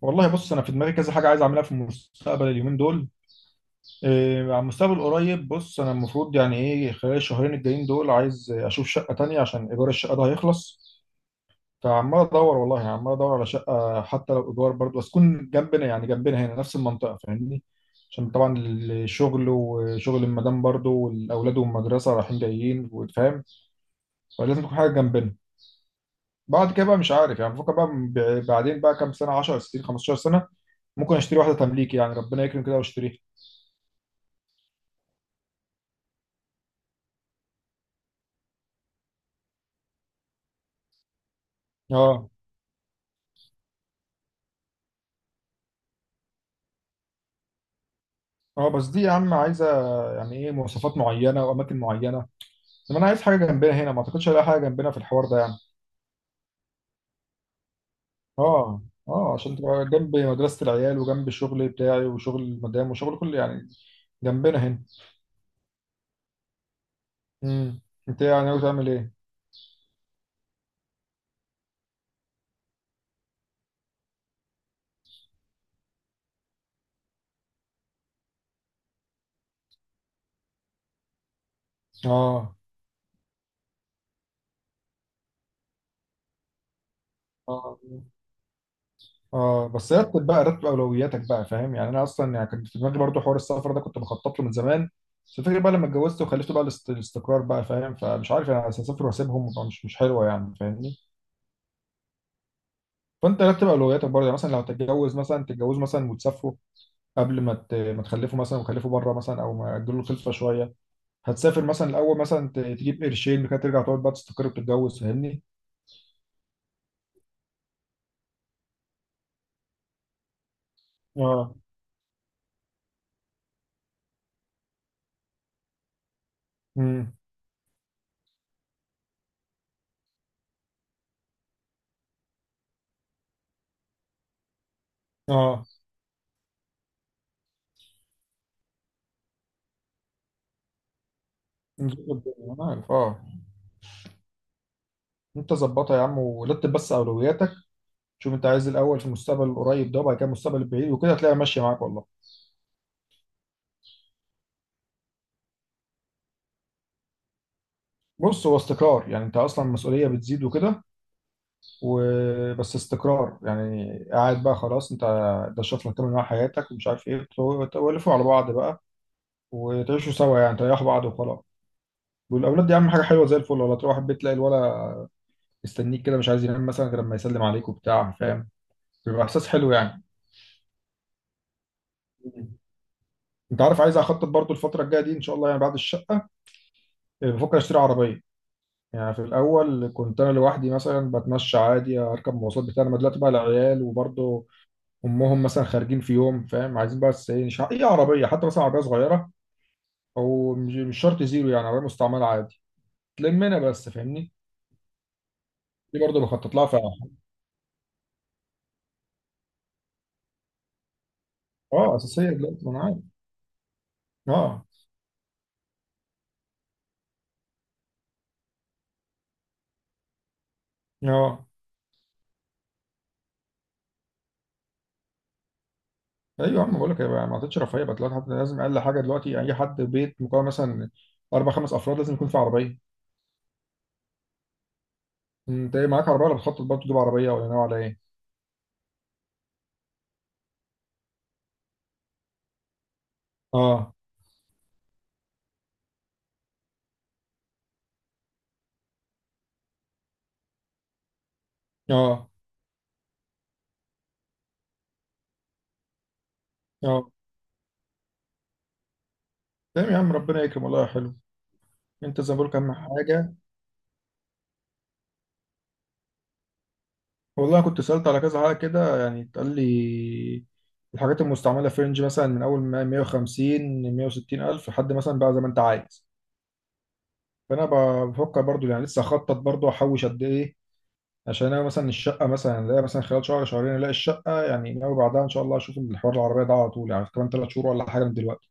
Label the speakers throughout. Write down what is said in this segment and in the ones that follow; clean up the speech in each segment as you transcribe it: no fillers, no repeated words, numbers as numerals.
Speaker 1: والله بص انا في دماغي كذا حاجه عايز اعملها في المستقبل اليومين دول. إيه على المستقبل القريب، بص انا المفروض يعني ايه خلال الشهرين الجايين دول عايز اشوف شقه تانية عشان ايجار الشقه ده هيخلص. فعمال ادور والله، يعني عمال ادور على شقه حتى لو ايجار برضه، بس تكون جنبنا، يعني جنبنا هنا نفس المنطقه فاهمني. عشان طبعا الشغل وشغل المدام برضه والاولاد والمدرسه رايحين جايين وفاهم. فلازم تكون حاجه جنبنا. بعد كده بقى مش عارف يعني، بفكر بقى بعدين بقى كام سنه، 10 سنين 15 سنه، ممكن اشتري واحده تمليك يعني، ربنا يكرم كده واشتريها. اه. اه بس دي يا عم عايزه يعني ايه، مواصفات معينه واماكن معينه. طب انا عايز حاجه جنبنا هنا، ما اعتقدش الاقي حاجه جنبنا في الحوار ده يعني. اه. اه عشان تبقى جنب مدرسه العيال وجنب الشغل بتاعي وشغل المدام وشغل كل يعني، جنبنا هنا. امم. انت يعني ناوي تعمل ايه؟ اه. اه. اه بس رتب بقى، رتب اولوياتك بقى فاهم. يعني انا اصلا يعني كان في دماغي برضو حوار السفر ده، كنت بخطط له من زمان. بس الفكره بقى لما اتجوزت وخلفت بقى الاستقرار بقى فاهم. فمش عارف انا هسافر واسيبهم، طبعاً مش حلوه يعني فاهمني. فانت رتب اولوياتك برضو، يعني مثلا لو هتتجوز مثلا تتجوزوا مثلا وتسافروا قبل ما ما تخلفوا مثلا، وتخلفوا بره مثلا، او ما تجيلوا الخلفه شويه. هتسافر مثلا الاول مثلا تجيب قرشين، بعد كده ترجع تقعد بقى تستقر وتتجوز فاهمني. اه. امم. اه نظبط الدنيا. انا عارف. اه انت ظبطها يا عم، ورتب بس اولوياتك. شوف انت عايز الاول في المستقبل القريب ده، وبعد كده المستقبل البعيد، وكده هتلاقيها ماشيه معاك والله. بص هو استقرار يعني، انت اصلا المسؤوليه بتزيد وكده، وبس استقرار يعني قاعد بقى خلاص. انت ده الشخص اللي هتكمل معاه حياتك ومش عارف ايه، تولفوا على بعض بقى وتعيشوا سوا، يعني تريحوا بعض وخلاص. والاولاد دي اهم حاجه، حلوه زي الفل والله. تروح البيت تلاقي الولد مستنيك كده، مش عايز ينام مثلا غير لما يسلم عليك وبتاع فاهم. بيبقى احساس حلو يعني. انت عارف عايز اخطط برضو الفتره الجايه دي ان شاء الله، يعني بعد الشقه بفكر اشتري عربيه. يعني في الأول كنت أنا لوحدي مثلا بتمشى عادي، أركب مواصلات بتاع. أنا دلوقتي بقى العيال وبرضه أمهم مثلا خارجين في يوم فاهم، عايزين بس إيه، أي عربية حتى، مثلا عربية صغيرة، أو مش شرط زيرو يعني، عربية مستعملة عادي تلمنا بس فاهمني. دي برضه بخطط لها فعلا. أه أساسية دلوقتي، ما أنا عارف. أه. أه. أيوه يا عم بقول لك، ما عادتش رفاهية بقى دلوقتي. حتى لازم أقل حاجة دلوقتي، أي حد بيت مكون مثلا أربع خمس أفراد لازم يكون في عربية. أنت إيه، معاك عربية ولا بتخطط برضه تجيب عربية، ولا ناوي على إيه؟ أه. أه. أه تمام يا عم، ربنا يكرم والله يا حلو. انت زي ما بقول كام حاجه. والله كنت سالت على كذا حاجه كده يعني، اتقال لي الحاجات المستعمله في رينج مثلا من اول ما 150 160 الف لحد مثلا بقى زي ما انت عايز. فانا بفكر برضو، يعني لسه اخطط برضو احوش قد ايه. عشان انا مثلا الشقه، مثلا الاقي مثلا خلال شهر شهرين الاقي الشقه، يعني ناوي بعدها ان شاء الله اشوف الحوار العربيه ده على طول يعني، كمان 3 شهور ولا حاجه من دلوقتي.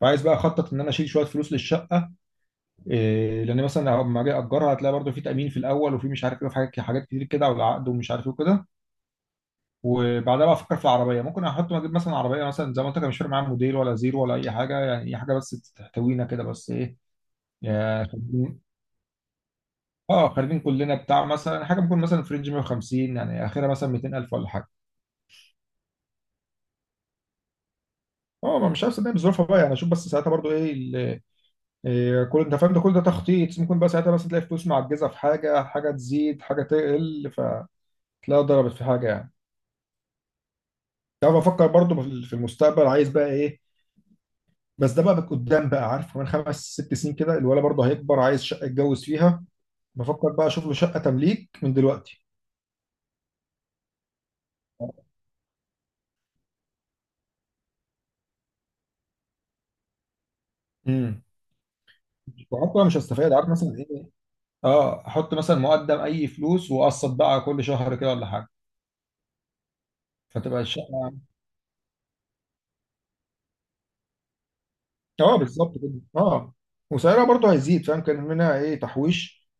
Speaker 1: فعايز بقى اخطط ان انا اشيل شويه فلوس للشقه. إيه، لان مثلا لما اجي اجرها هتلاقي برضو في تامين في الاول، وفي مش عارف ايه، في حاجات حاجات كتير كده، والعقد ومش عارف ايه وكده. وبعدها بقى افكر في العربيه، ممكن احط اجيب مثلا عربيه مثلا زي ما قلت لك، مش فارق معايا موديل ولا زيرو ولا اي حاجه، يعني اي حاجه بس تحتوينا كده، بس ايه، يا خارجين. اه خارجين كلنا بتاع مثلا، حاجه ممكن مثلا في رينج 150، يعني اخرها مثلا 200,000 ولا حاجه. اه ما مش عارف صدقني، بظروفها بقى يعني، اشوف بس ساعتها برضو ايه، إيه. كل انت فاهم ده كل ده تخطيط، ممكن بقى ساعتها مثلا تلاقي فلوس معجزه في حاجه، حاجه تزيد حاجه تقل، فتلاقيها ضربت في حاجه يعني. تعرف افكر برضو في المستقبل عايز بقى ايه. بس ده بقى قدام بقى، عارف كمان خمس ست سنين كده الولد برضه هيكبر عايز شقه يتجوز فيها. بفكر بقى اشوف له شقه تمليك من دلوقتي. امم. وحتى مش هستفاد، عارف مثلا ايه، اه احط مثلا مقدم اي فلوس واقسط بقى كل شهر كده ولا حاجه، فتبقى الشقه. اه بالظبط كده. اه وسعرها برضه هيزيد فاهم، كان منها ايه، تحويش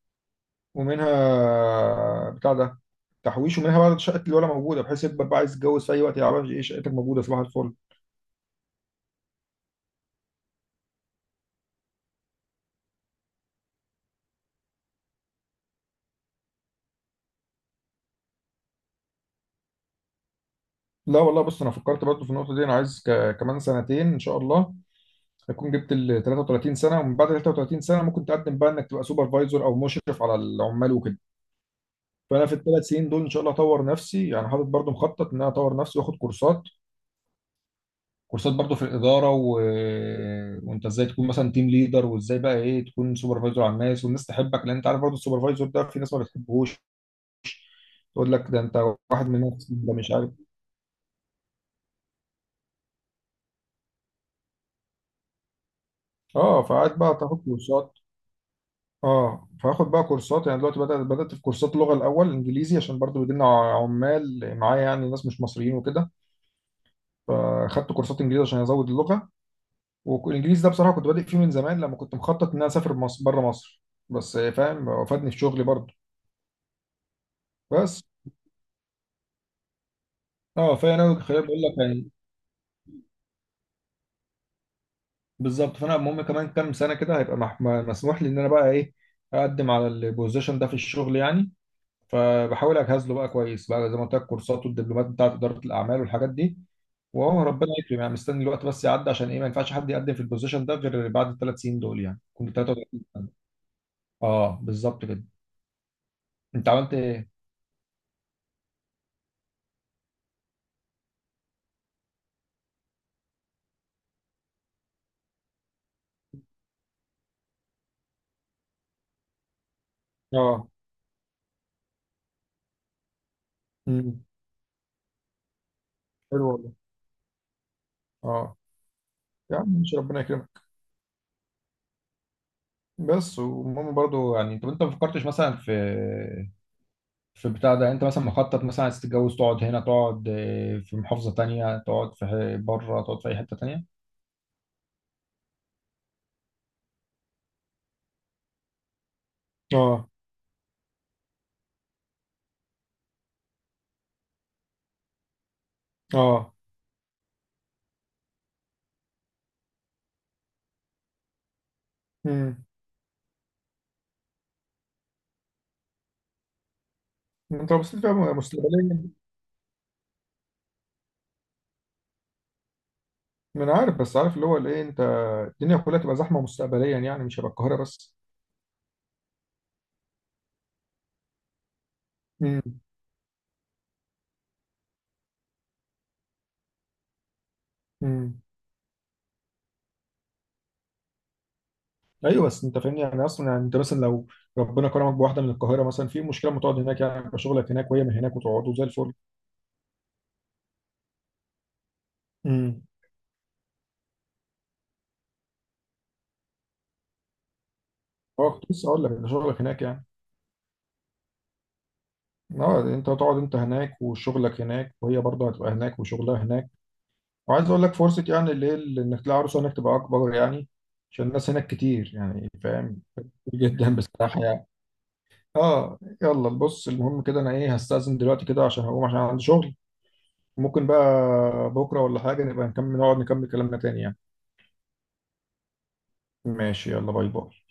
Speaker 1: ومنها بتاع ده، تحويش ومنها بقى شقه الولد موجوده، بحيث يكبر بقى عايز يتجوز في اي وقت، يعرف ايه شقتك موجوده صباح الفل. لا والله بص انا فكرت برضو في النقطه دي، انا عايز كمان سنتين ان شاء الله اكون جبت ال 33 سنه، ومن بعد 33 سنه ممكن تقدم بقى انك تبقى سوبرفايزر او مشرف على العمال وكده. فانا في ال 3 سنين دول ان شاء الله اطور نفسي، يعني حاطط برضو مخطط ان انا اطور نفسي واخد كورسات. كورسات برضو في الاداره وانت ازاي تكون مثلا تيم ليدر، وازاي بقى ايه تكون سوبرفايزر على الناس، والناس تحبك، لان انت عارف برضو السوبرفايزر ده في ناس ما بتحبهوش. تقول لك ده انت واحد من الناس ده، مش عارف. اه فقعدت بقى تاخد كورسات. اه فاخد بقى كورسات، يعني دلوقتي بدأت في كورسات لغة، الأول إنجليزي عشان برضو بيجي لنا عمال معايا يعني ناس مش مصريين وكده. فاخدت كورسات إنجليزي عشان أزود اللغة. والإنجليزي ده بصراحة كنت بادئ فيه من زمان، لما كنت مخطط إن أنا أسافر مصر بره مصر. بس فاهم وفادني في شغلي برضو. بس اه، فأنا أنا خليني بقول لك يعني، بالظبط. فأنا المهم كمان كام سنة كده، هيبقى مسموح لي إن أنا بقى إيه، أقدم على البوزيشن ده في الشغل يعني. فبحاول اجهز له بقى كويس بقى، زي ما قلت لك كورسات والدبلومات بتاعت اداره الاعمال والحاجات دي. وهو ربنا يكرم يعني، مستني الوقت بس يعدي، عشان ايه ما ينفعش حد يقدم في البوزيشن ده غير بعد ال 3 سنين دول، يعني كنت 33 سنه. اه بالظبط كده. انت عملت ايه؟ اه. امم. حلو والله. اه يا عم ماشي، ربنا يكرمك. بس وماما برضو يعني، طب انت ما فكرتش مثلا في، في بتاع ده، انت مثلا مخطط مثلا عايز تتجوز تقعد هنا، تقعد في محافظه تانية، تقعد في بره، تقعد في اي حته تانية. اه. اه. امم. انت لو بصيت فيها مستقبليا، ما انا عارف بس عارف اللي هو الايه. انت الدنيا كلها تبقى زحمه مستقبليا يعني، مش هيبقى القاهره بس. امم. امم. ايوه بس انت فاهمني يعني اصلا، يعني انت مثلا لو ربنا كرمك بواحده من القاهره مثلا، في مشكله ما تقعد هناك يعني، يبقى شغلك هناك وهي من هناك، وتقعدوا زي الفل. امم. اه كنت لسه اقول لك ده شغلك هناك يعني. اه انت تقعد انت هناك، وشغلك هناك، وهي برضه هتبقى هناك وشغلها هناك. وعايز اقول لك فرصه يعني، اللي هي اللي انك تلاقي عروسه هناك تبقى اكبر، يعني عشان الناس هناك كتير يعني فاهم، كتير جدا بصراحه يعني. اه يلا بص، المهم كده انا ايه، هستأذن دلوقتي كده عشان هقوم، عشان عندي شغل. ممكن بقى بكرة ولا حاجة نبقى نكمل، نقعد نكمل كلامنا تاني يعني. ماشي يلا، باي باي.